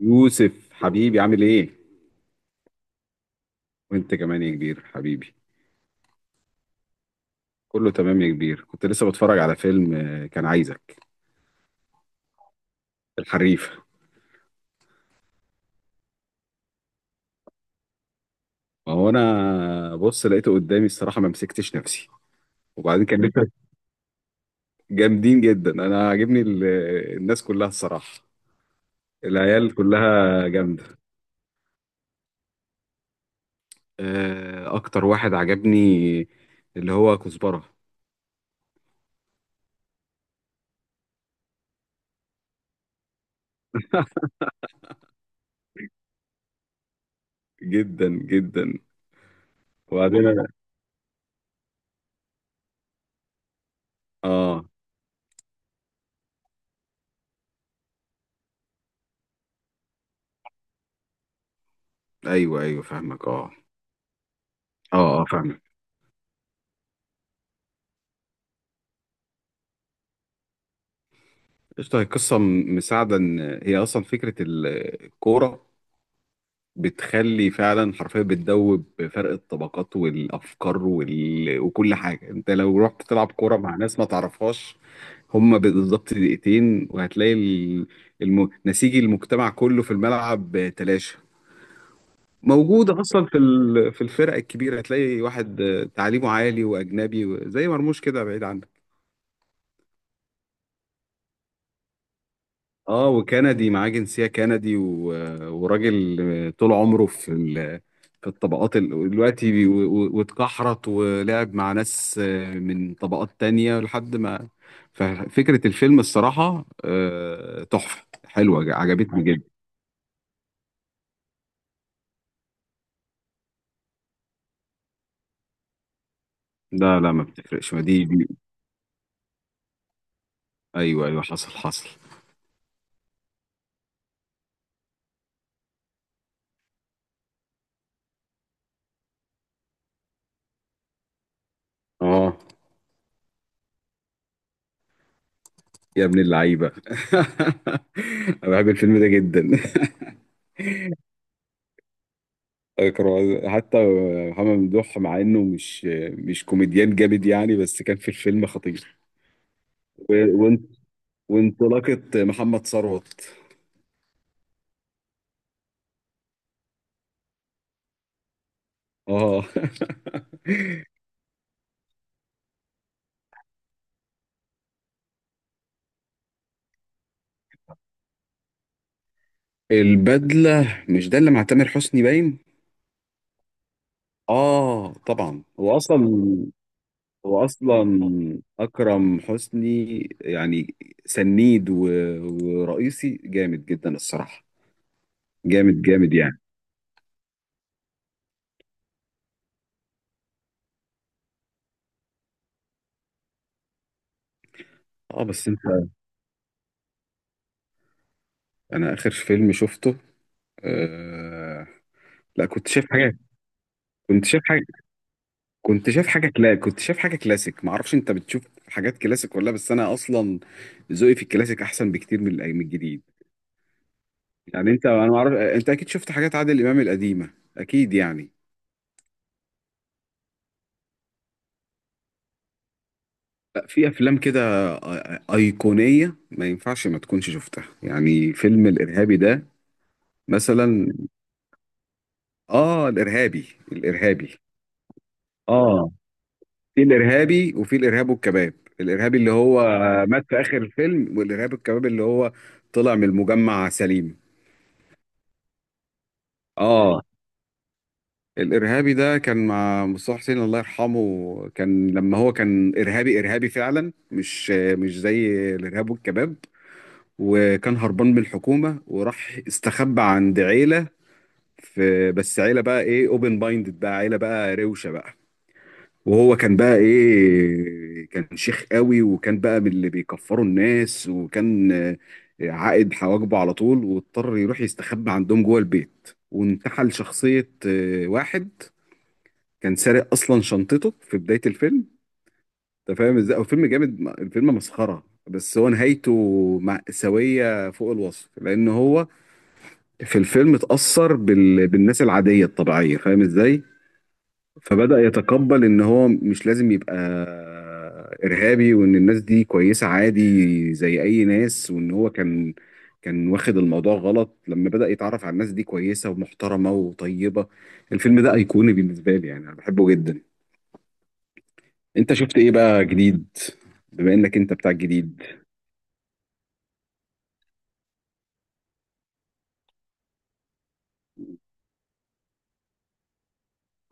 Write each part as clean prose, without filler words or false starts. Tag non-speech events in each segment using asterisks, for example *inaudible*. يوسف حبيبي عامل ايه؟ وانت كمان يا كبير حبيبي. كله تمام يا كبير، كنت لسه بتفرج على فيلم كان عايزك. الحريف. ما هو انا بص لقيته قدامي الصراحة ما مسكتش نفسي. وبعدين كان *laughs* لسه جامدين جدا. انا عاجبني الناس كلها الصراحة. العيال كلها جامدة. اكتر واحد عجبني اللي هو كزبرة. جدا جدا. وبعدين انا اه ايوه ايوه فاهمك. اه اه فاهمك. قشطة، هي قصة مساعدة إن هي أصلا فكرة الكورة بتخلي فعلا حرفيا بتدوب فرق الطبقات والأفكار وكل حاجة. أنت لو رحت تلعب كورة مع ناس ما تعرفهاش هما بالظبط دقيقتين وهتلاقي نسيج المجتمع كله في الملعب تلاشى. موجودة أصلا في الفرق الكبيرة هتلاقي واحد تعليمه عالي وأجنبي زي مرموش كده بعيد عنك. اه، وكندي، معاه جنسية كندي. وراجل طول عمره في الطبقات دلوقتي واتكحرت ولعب مع ناس من طبقات تانية لحد ما. ففكرة الفيلم الصراحة تحفة حلوة عجبتني جدا. لا لا ما بتفرقش، ما دي, دي. ايوه ايوه حصل حصل. اه. يا ابن اللعيبة! *laughs* انا بحب الفيلم ده جدا. كانوا حتى محمد ممدوح مع انه مش كوميديان جامد يعني، بس كان في الفيلم خطير. و- وان- وانطلاقة محمد ثروت. اه. *laughs* البدلة، مش ده اللي مع تامر حسني باين؟ اه طبعا. هو اصلا اكرم حسني يعني سنيد ورئيسي جامد جدا الصراحة. جامد جامد يعني. اه بس انت. انا اخر فيلم شفته آه... لا كنت شايف حاجات. كنت شايف حاجة. كنت شايف حاجه كنت شايف حاجه كلاسيك. ما اعرفش انت بتشوف حاجات كلاسيك ولا لا، بس انا اصلا ذوقي في الكلاسيك احسن بكتير من من الجديد. يعني انت، انا ما اعرف، انت اكيد شفت حاجات عادل امام القديمه اكيد يعني. لا، في افلام كده ايقونيه ما ينفعش ما تكونش شفتها، يعني فيلم الارهابي ده مثلا. اه الارهابي. الارهابي. اه، في الارهابي وفي الارهاب والكباب. الارهابي اللي هو مات في اخر الفيلم، والارهاب والكباب اللي هو طلع من المجمع سليم. اه. الارهابي ده كان مع مصطفى حسين الله يرحمه، كان لما هو كان ارهابي ارهابي فعلا، مش زي الارهاب والكباب. وكان هربان من الحكومه وراح استخبى عند عيله، في بس عيله بقى ايه، اوبن مايندد بقى، عيله بقى روشه بقى. وهو كان بقى ايه، كان شيخ قوي وكان بقى من اللي بيكفروا الناس، وكان عائد حواجبه على طول، واضطر يروح يستخبى عندهم جوه البيت وانتحل شخصيه واحد كان سارق اصلا شنطته في بدايه الفيلم. انت فاهم ازاي هو فيلم جامد؟ الفيلم مسخره بس هو نهايته مأساوية فوق الوصف. لأن هو في الفيلم اتأثر بالناس العادية الطبيعية، فاهم ازاي؟ فبدأ يتقبل إن هو مش لازم يبقى إرهابي، وإن الناس دي كويسة عادي زي أي ناس، وإن هو كان كان واخد الموضوع غلط، لما بدأ يتعرف على الناس دي كويسة ومحترمة وطيبة. الفيلم ده أيقوني بالنسبة لي يعني، أنا بحبه جدا. انت شفت ايه بقى جديد؟ بما انك انت بتاع الجديد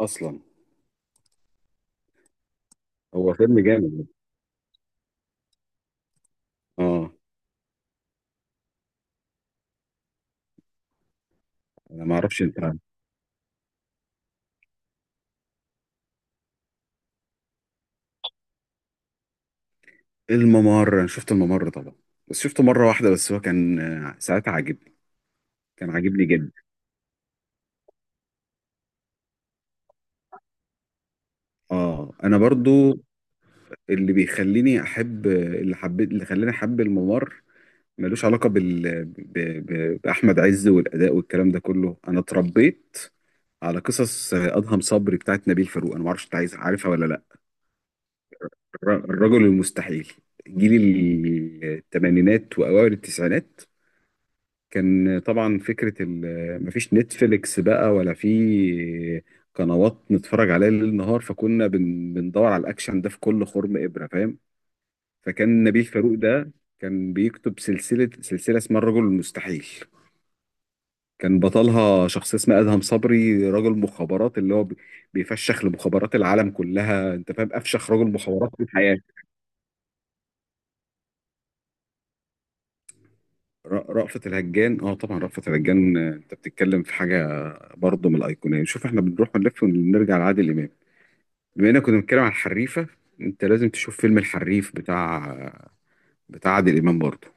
اصلا. هو فيلم جامد. اه. انا ما اعرفش انت. الممر، انا شفت الممر طبعا بس شفته مره واحده، بس هو كان ساعتها عاجبني. كان عاجبني جدا. اه انا برضو اللي بيخليني احب، اللي حبيت اللي خلاني احب الممر، ملوش علاقه باحمد عز والاداء والكلام ده كله. انا اتربيت على قصص ادهم صبري بتاعت نبيل فاروق. انا ما اعرفش انت عايز عارفها ولا لا. الرجل المستحيل، جيل الثمانينات واوائل التسعينات. كان طبعا فكره مفيش نتفليكس بقى ولا في قنوات نتفرج عليها ليل نهار، فكنا بندور على الاكشن ده في كل خرم ابره، فاهم؟ فكان نبيل فاروق ده كان بيكتب سلسله اسمها الرجل المستحيل، كان بطلها شخص اسمه ادهم صبري، رجل مخابرات اللي هو بيفشخ لمخابرات العالم كلها. انت فاهم افشخ رجل مخابرات في الحياه؟ رأفت الهجان، اه طبعا رأفت الهجان. انت بتتكلم في حاجه برضه من الايقونيه. شوف احنا بنروح ونلف ونرجع لعادل امام، بما اننا كنا بنتكلم عن الحريفه، انت لازم تشوف فيلم الحريف بتاع عادل امام برضه.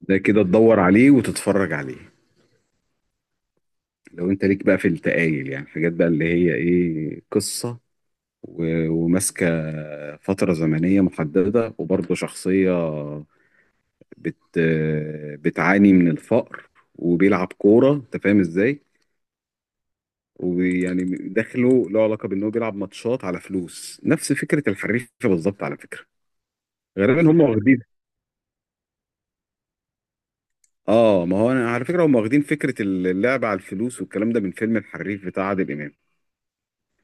ده كده تدور عليه وتتفرج عليه. لو انت ليك بقى في التقايل، يعني حاجات بقى اللي هي ايه، قصه وماسكه فتره زمنيه محدده، وبرضه شخصيه بت بتعاني من الفقر وبيلعب كوره، انت فاهم ازاي؟ ويعني دخله له علاقه بان هو بيلعب ماتشات على فلوس، نفس فكره الحريفه بالظبط على فكره. غالبا هم واخدين. اه، ما هو انا على فكره هم واخدين فكره اللعب على الفلوس والكلام ده من فيلم الحريف بتاع عادل امام.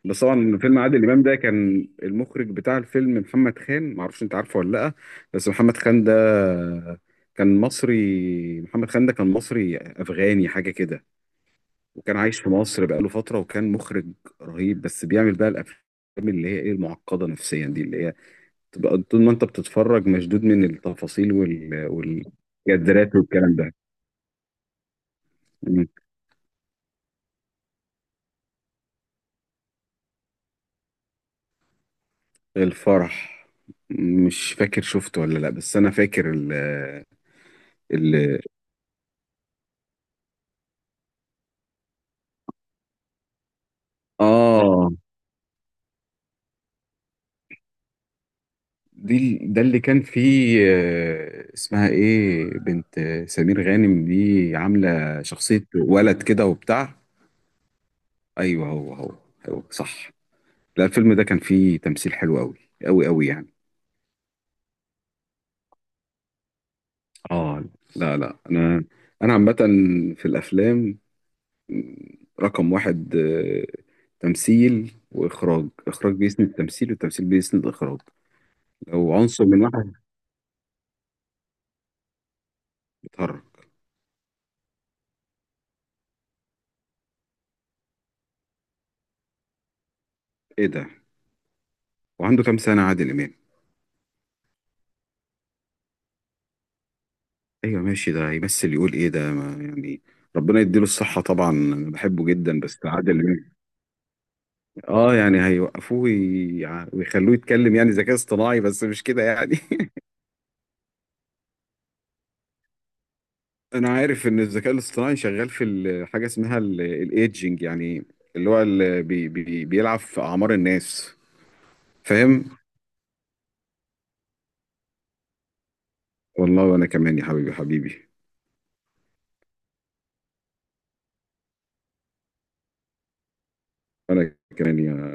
بس طبعا فيلم عادل امام ده كان المخرج بتاع الفيلم محمد خان، ما اعرفش انت عارفه ولا لا. بس محمد خان ده كان مصري، محمد خان ده كان مصري افغاني حاجه كده. وكان عايش في مصر بقاله فتره، وكان مخرج رهيب. بس بيعمل بقى الافلام اللي هي ايه، المعقده نفسيا دي، اللي هي تبقى طول ما انت بتتفرج مشدود من التفاصيل والكادرات والكلام ده. مم. الفرح، مش فاكر شفته ولا لا، بس انا فاكر ال ال اه. دي ده اللي كان فيه اسمها ايه، بنت سمير غانم دي عاملة شخصية ولد كده وبتاع. ايوه هو هو. هو صح. لا الفيلم ده كان فيه تمثيل حلو قوي قوي قوي يعني. اه. لا لا، انا انا عامة في الافلام رقم واحد تمثيل وإخراج. إخراج بيسند التمثيل والتمثيل بيسند الإخراج. لو عنصر من واحد بيتهرب. إيه ده؟ وعنده كام سنة عادل إمام؟ أيوة ماشي، ده هيمثل يقول إيه ده ما يعني. ربنا يديله الصحة، طبعا أنا بحبه جدا بس عادل إمام. آه يعني هيوقفوه ويخلوه يتكلم، يعني ذكاء اصطناعي بس مش كده يعني. *laughs* أنا عارف إن الذكاء الاصطناعي شغال في حاجة اسمها الإيدجينج، يعني اللي هو اللي بي بي بيلعب في أعمار الناس. فاهم. والله وانا كمان يا حبيبي حبيبي. انا كمان يا